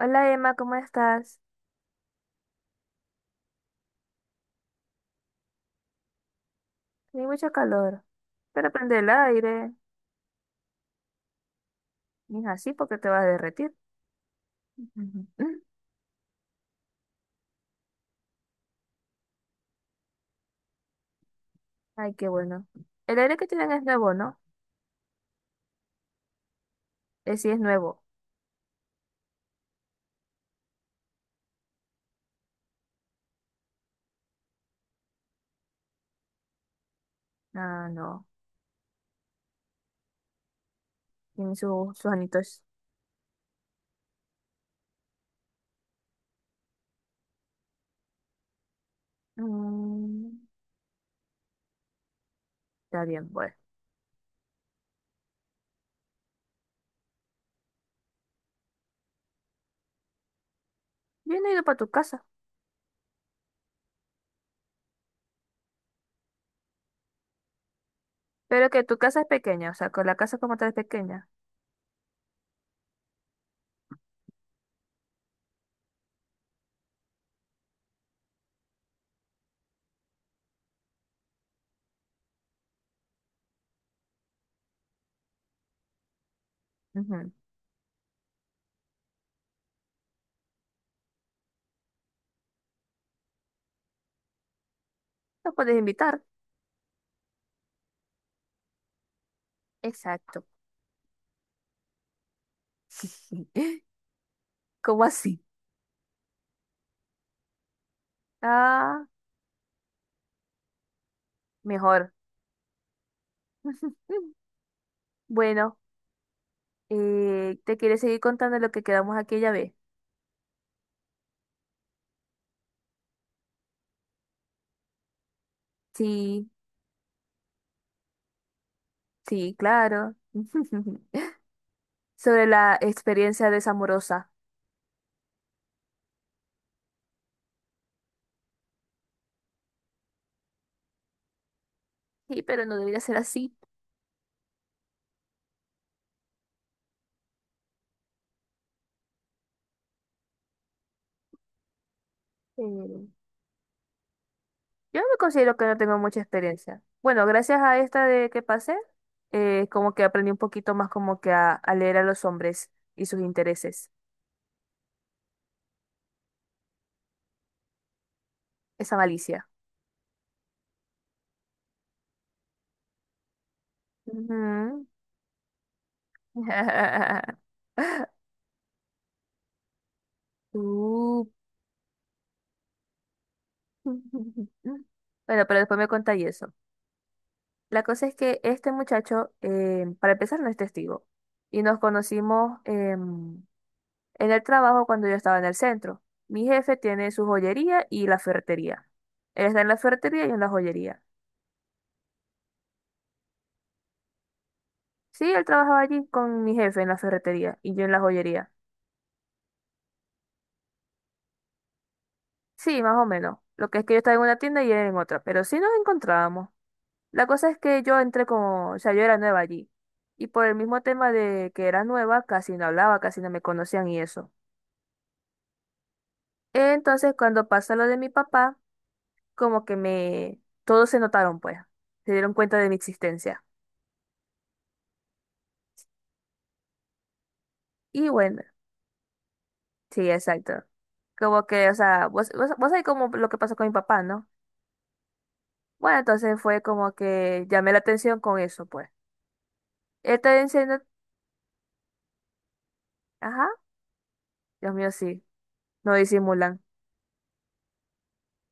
Hola Emma, ¿cómo estás? Hay mucho calor, pero prende el aire. Y es así porque te vas a derretir. Ujú. Ay, qué bueno. El aire que tienen es nuevo, ¿no? Sí, es nuevo. Ah, no. Tienen sus anitos. Mm, Está bien, bueno. Yo no he ido para tu casa. Pero que tu casa es pequeña, o sea, con la casa como tal es pequeña. Ujú. ¿Los puedes invitar? Exacto. ¿Cómo así? Ah, mejor. Bueno. ¿Te quieres seguir contando lo que quedamos aquella vez? Sí, sí, claro. Sobre la experiencia desamorosa. Sí, pero no debería ser así. Eh, yo me considero que no tengo mucha experiencia. Bueno, gracias a esta de que pasé, como que aprendí un poquito más como que a leer a los hombres y sus intereses. Esa malicia. Ujú. Uh. Bueno, pero después me contáis eso. La cosa es que este muchacho, para empezar, no es testigo. Y nos conocimos en el trabajo cuando yo estaba en el centro. Mi jefe tiene su joyería y la ferretería. Él está en la ferretería y yo en la joyería. Sí, él trabajaba allí con mi jefe en la ferretería y yo en la joyería. Sí, más o menos. Lo que es que yo estaba en una tienda y él en otra, pero sí nos encontrábamos. La cosa es que yo entré como, o sea, yo era nueva allí. Y por el mismo tema de que era nueva, casi no hablaba, casi no me conocían y eso. Entonces, cuando pasó lo de mi papá, como que me. Todos se notaron, pues. Se dieron cuenta de mi existencia. Y bueno, sí, exacto. Como que, o sea, vos sabés como lo que pasó con mi papá, ¿no? Bueno, entonces fue como que llamé la atención con eso, pues. Está diciendo, ajá, Dios mío, sí, no disimulan.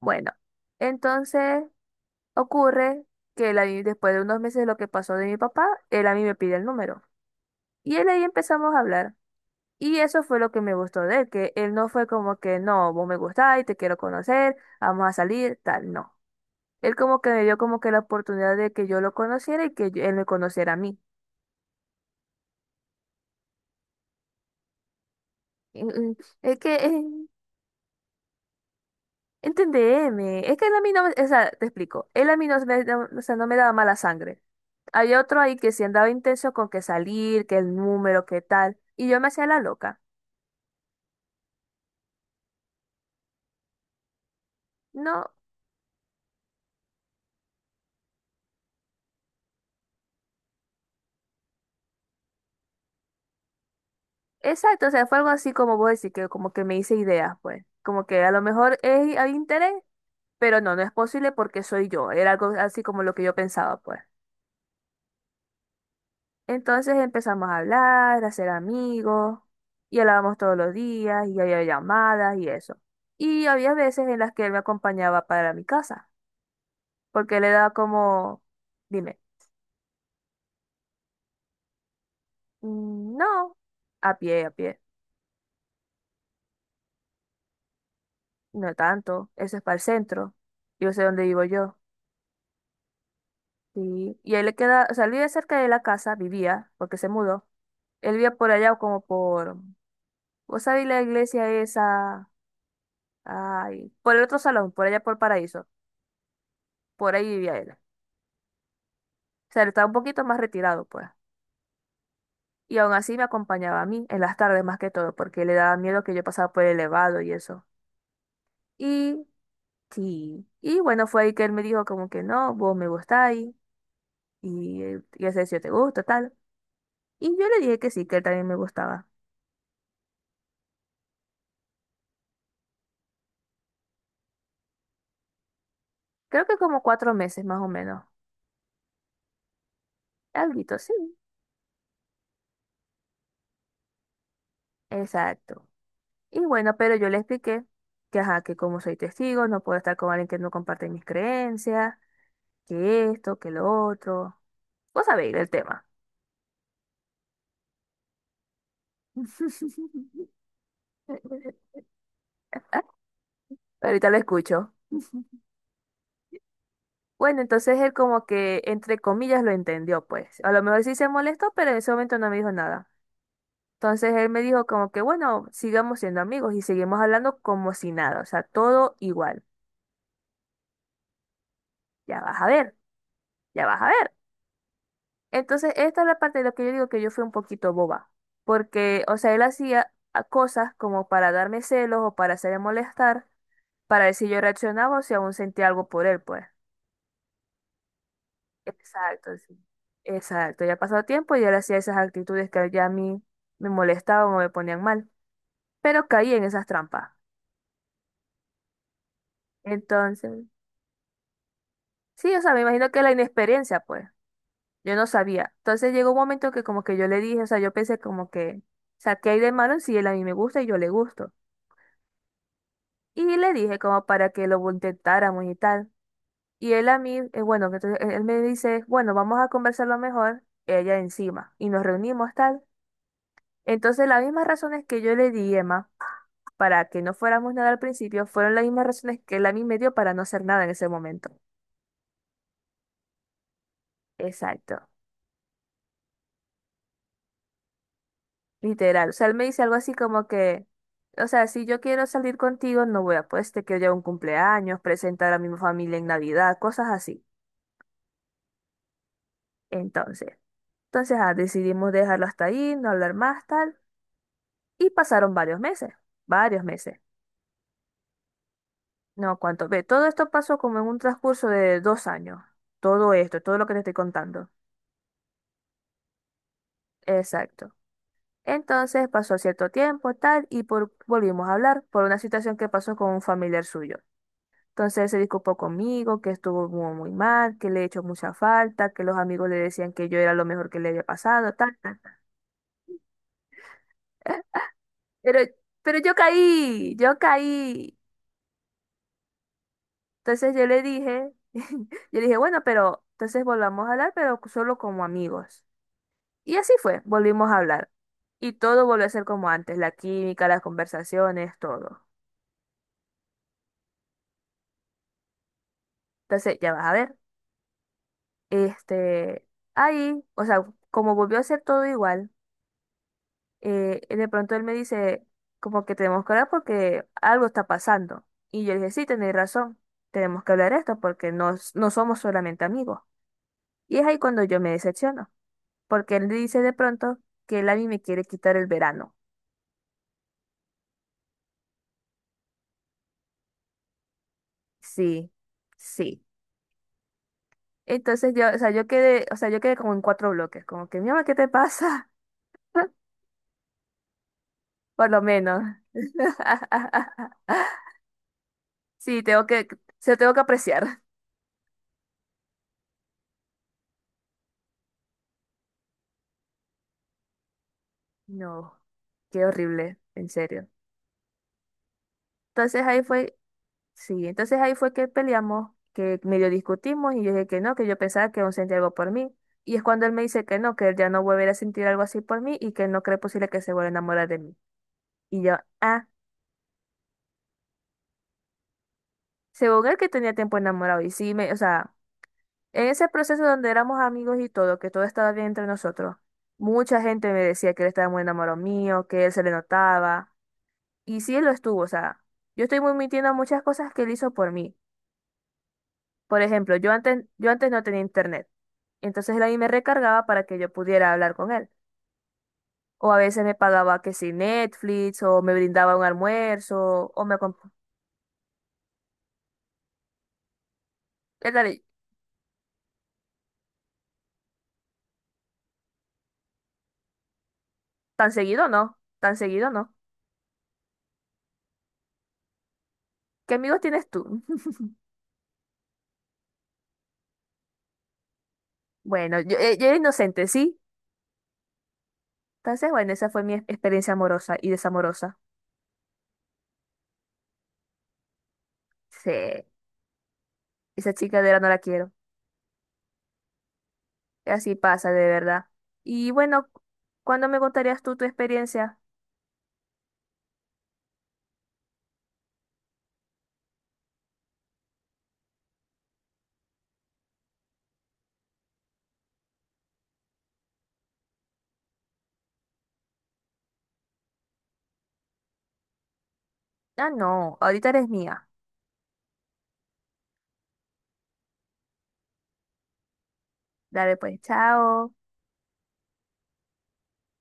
Bueno, entonces ocurre que él ahí, después de unos meses de lo que pasó de mi papá, él a mí me pide el número. Y él ahí empezamos a hablar. Y eso fue lo que me gustó de él, que él no fue como que, no, vos me gustás y te quiero conocer, vamos a salir, tal, no. Él como que me dio como que la oportunidad de que yo lo conociera y que yo- él me conociera a mí. Mm, mm, Es que, entendeme, es que él a mí no, o sea, te explico, él a mí no, o sea, no me daba mala sangre. Hay otro ahí que sí andaba intenso con que salir, que el número, que tal, y yo me hacía la loca. No, exacto, o sea, fue algo así como vos decís, que como que me hice ideas, pues. Como que a lo mejor es, hay interés. Pero no, no es posible porque soy yo. Era algo así como lo que yo pensaba, pues. Entonces empezamos a hablar, a ser amigos, y hablábamos todos los días, y había llamadas y eso. Y había veces en las que él me acompañaba para mi casa, porque le daba como, dime, "Mm, no, a pie, no tanto, eso es para el centro, yo sé dónde vivo yo." Sí. Y él le queda, o sea, él vive cerca de la casa, vivía, porque se mudó. Él vivía por allá como por, vos sabés la iglesia esa, ay, por el otro salón, por allá por Paraíso, por ahí vivía él. O sea, él estaba un poquito más retirado, pues. Y aún así me acompañaba a mí en las tardes más que todo, porque le daba miedo que yo pasara por el elevado y eso. Y sí, y bueno, fue ahí que él me dijo como que no, vos me gustáis, y yo sé si yo te gusto, tal. Y yo le dije que sí, que él también me gustaba. Creo que como 4 meses más o menos. Alguito, sí. Exacto. Y bueno, pero yo le expliqué que, ajá, que como soy testigo, no puedo estar con alguien que no comparte mis creencias, que esto, que lo otro. Vos sabéis el tema. Ahorita lo escucho. Bueno, entonces él como que, entre comillas, lo entendió, pues. A lo mejor sí se molestó, pero en ese momento no me dijo nada. Entonces él me dijo como que, bueno, sigamos siendo amigos y seguimos hablando como si nada, o sea, todo igual. Ya vas a ver, ya vas a ver. Entonces, esta es la parte de lo que yo digo que yo fui un poquito boba, porque, o sea, él hacía cosas como para darme celos o para hacerme molestar, para ver si yo reaccionaba o si aún sentía algo por él, pues. Exacto, sí. Exacto, ya pasó tiempo y él hacía esas actitudes que ya a mí me molestaban o me ponían mal, pero caí en esas trampas. Entonces, sí, o sea, me imagino que la inexperiencia, pues, yo no sabía. Entonces llegó un momento que como que yo le dije, o sea, yo pensé como que, o sea, ¿qué hay de malo si él a mí me gusta y yo le gusto? Y le dije como para que lo intentáramos y tal. Y él a mí, bueno, que entonces él me dice, bueno, vamos a conversarlo mejor, ella encima. Y nos reunimos tal. Entonces las mismas razones que yo le di, Emma, para que no fuéramos nada al principio, fueron las mismas razones que él a mí me dio para no hacer nada en ese momento. Exacto. Literal. O sea, él me dice algo así como que, o sea, si yo quiero salir contigo, no voy a, pues te quiero llevar a un cumpleaños, presentar a mi familia en Navidad, cosas así. Entonces. Entonces, decidimos dejarlo hasta ahí, no hablar más, tal. Y pasaron varios meses, varios meses. No, cuánto. Ve, todo esto pasó como en un transcurso de 2 años. Todo esto, todo lo que te estoy contando. Exacto. Entonces pasó cierto tiempo, tal, y volvimos a hablar por una situación que pasó con un familiar suyo. Entonces él se disculpó conmigo, que estuvo muy, muy mal, que le he hecho mucha falta, que los amigos le decían que yo era lo mejor que le había pasado, tal, tal, tal. Pero, pero yo caí, yo caí. Entonces yo le dije, yo le dije, bueno, pero entonces volvamos a hablar, pero solo como amigos. Y así fue, volvimos a hablar. Y todo volvió a ser como antes, la química, las conversaciones, todo. Entonces, ya vas a ver, este, ahí, o sea, como volvió a ser todo igual, de pronto él me dice, como que tenemos que hablar porque algo está pasando. Y yo le dije, sí, tenéis razón, tenemos que hablar esto porque no, no somos solamente amigos. Y es ahí cuando yo me decepciono, porque él dice de pronto que él a mí me quiere quitar el verano. Sí, sí. Entonces yo, o sea, yo quedé, o sea, yo quedé como en cuatro bloques, como que, mi mamá, ¿qué te pasa? Por lo menos. Sí, tengo que, se lo tengo que apreciar. No, qué horrible, en serio. Entonces ahí fue, sí, entonces ahí fue que peleamos, que medio discutimos y yo dije que no, que yo pensaba que aún sentía algo por mí. Y es cuando él me dice que no, que él ya no volverá a sentir algo así por mí y que no cree posible que se vuelva a enamorar de mí. Y yo, ah, según él que tenía tiempo enamorado. Y sí, me, o sea, en ese proceso donde éramos amigos y todo, que todo estaba bien entre nosotros, mucha gente me decía que él estaba muy enamorado mío, que él se le notaba. Y sí, él lo estuvo, o sea, yo estoy muy mintiendo muchas cosas que él hizo por mí. Por ejemplo, yo antes no tenía internet. Entonces él ahí me recargaba para que yo pudiera hablar con él. O a veces me pagaba que si Netflix, o me brindaba un almuerzo, Es decir, tan seguido no, tan seguido no. ¿Qué amigos tienes tú? Bueno, yo era inocente, ¿sí? Entonces, bueno, esa fue mi experiencia amorosa y desamorosa. Sí, esa chica de verdad no la quiero. Así pasa, de verdad. Y bueno, ¿cuándo me contarías tú tu experiencia? Ah, no, ahorita eres mía. Dale pues, chao.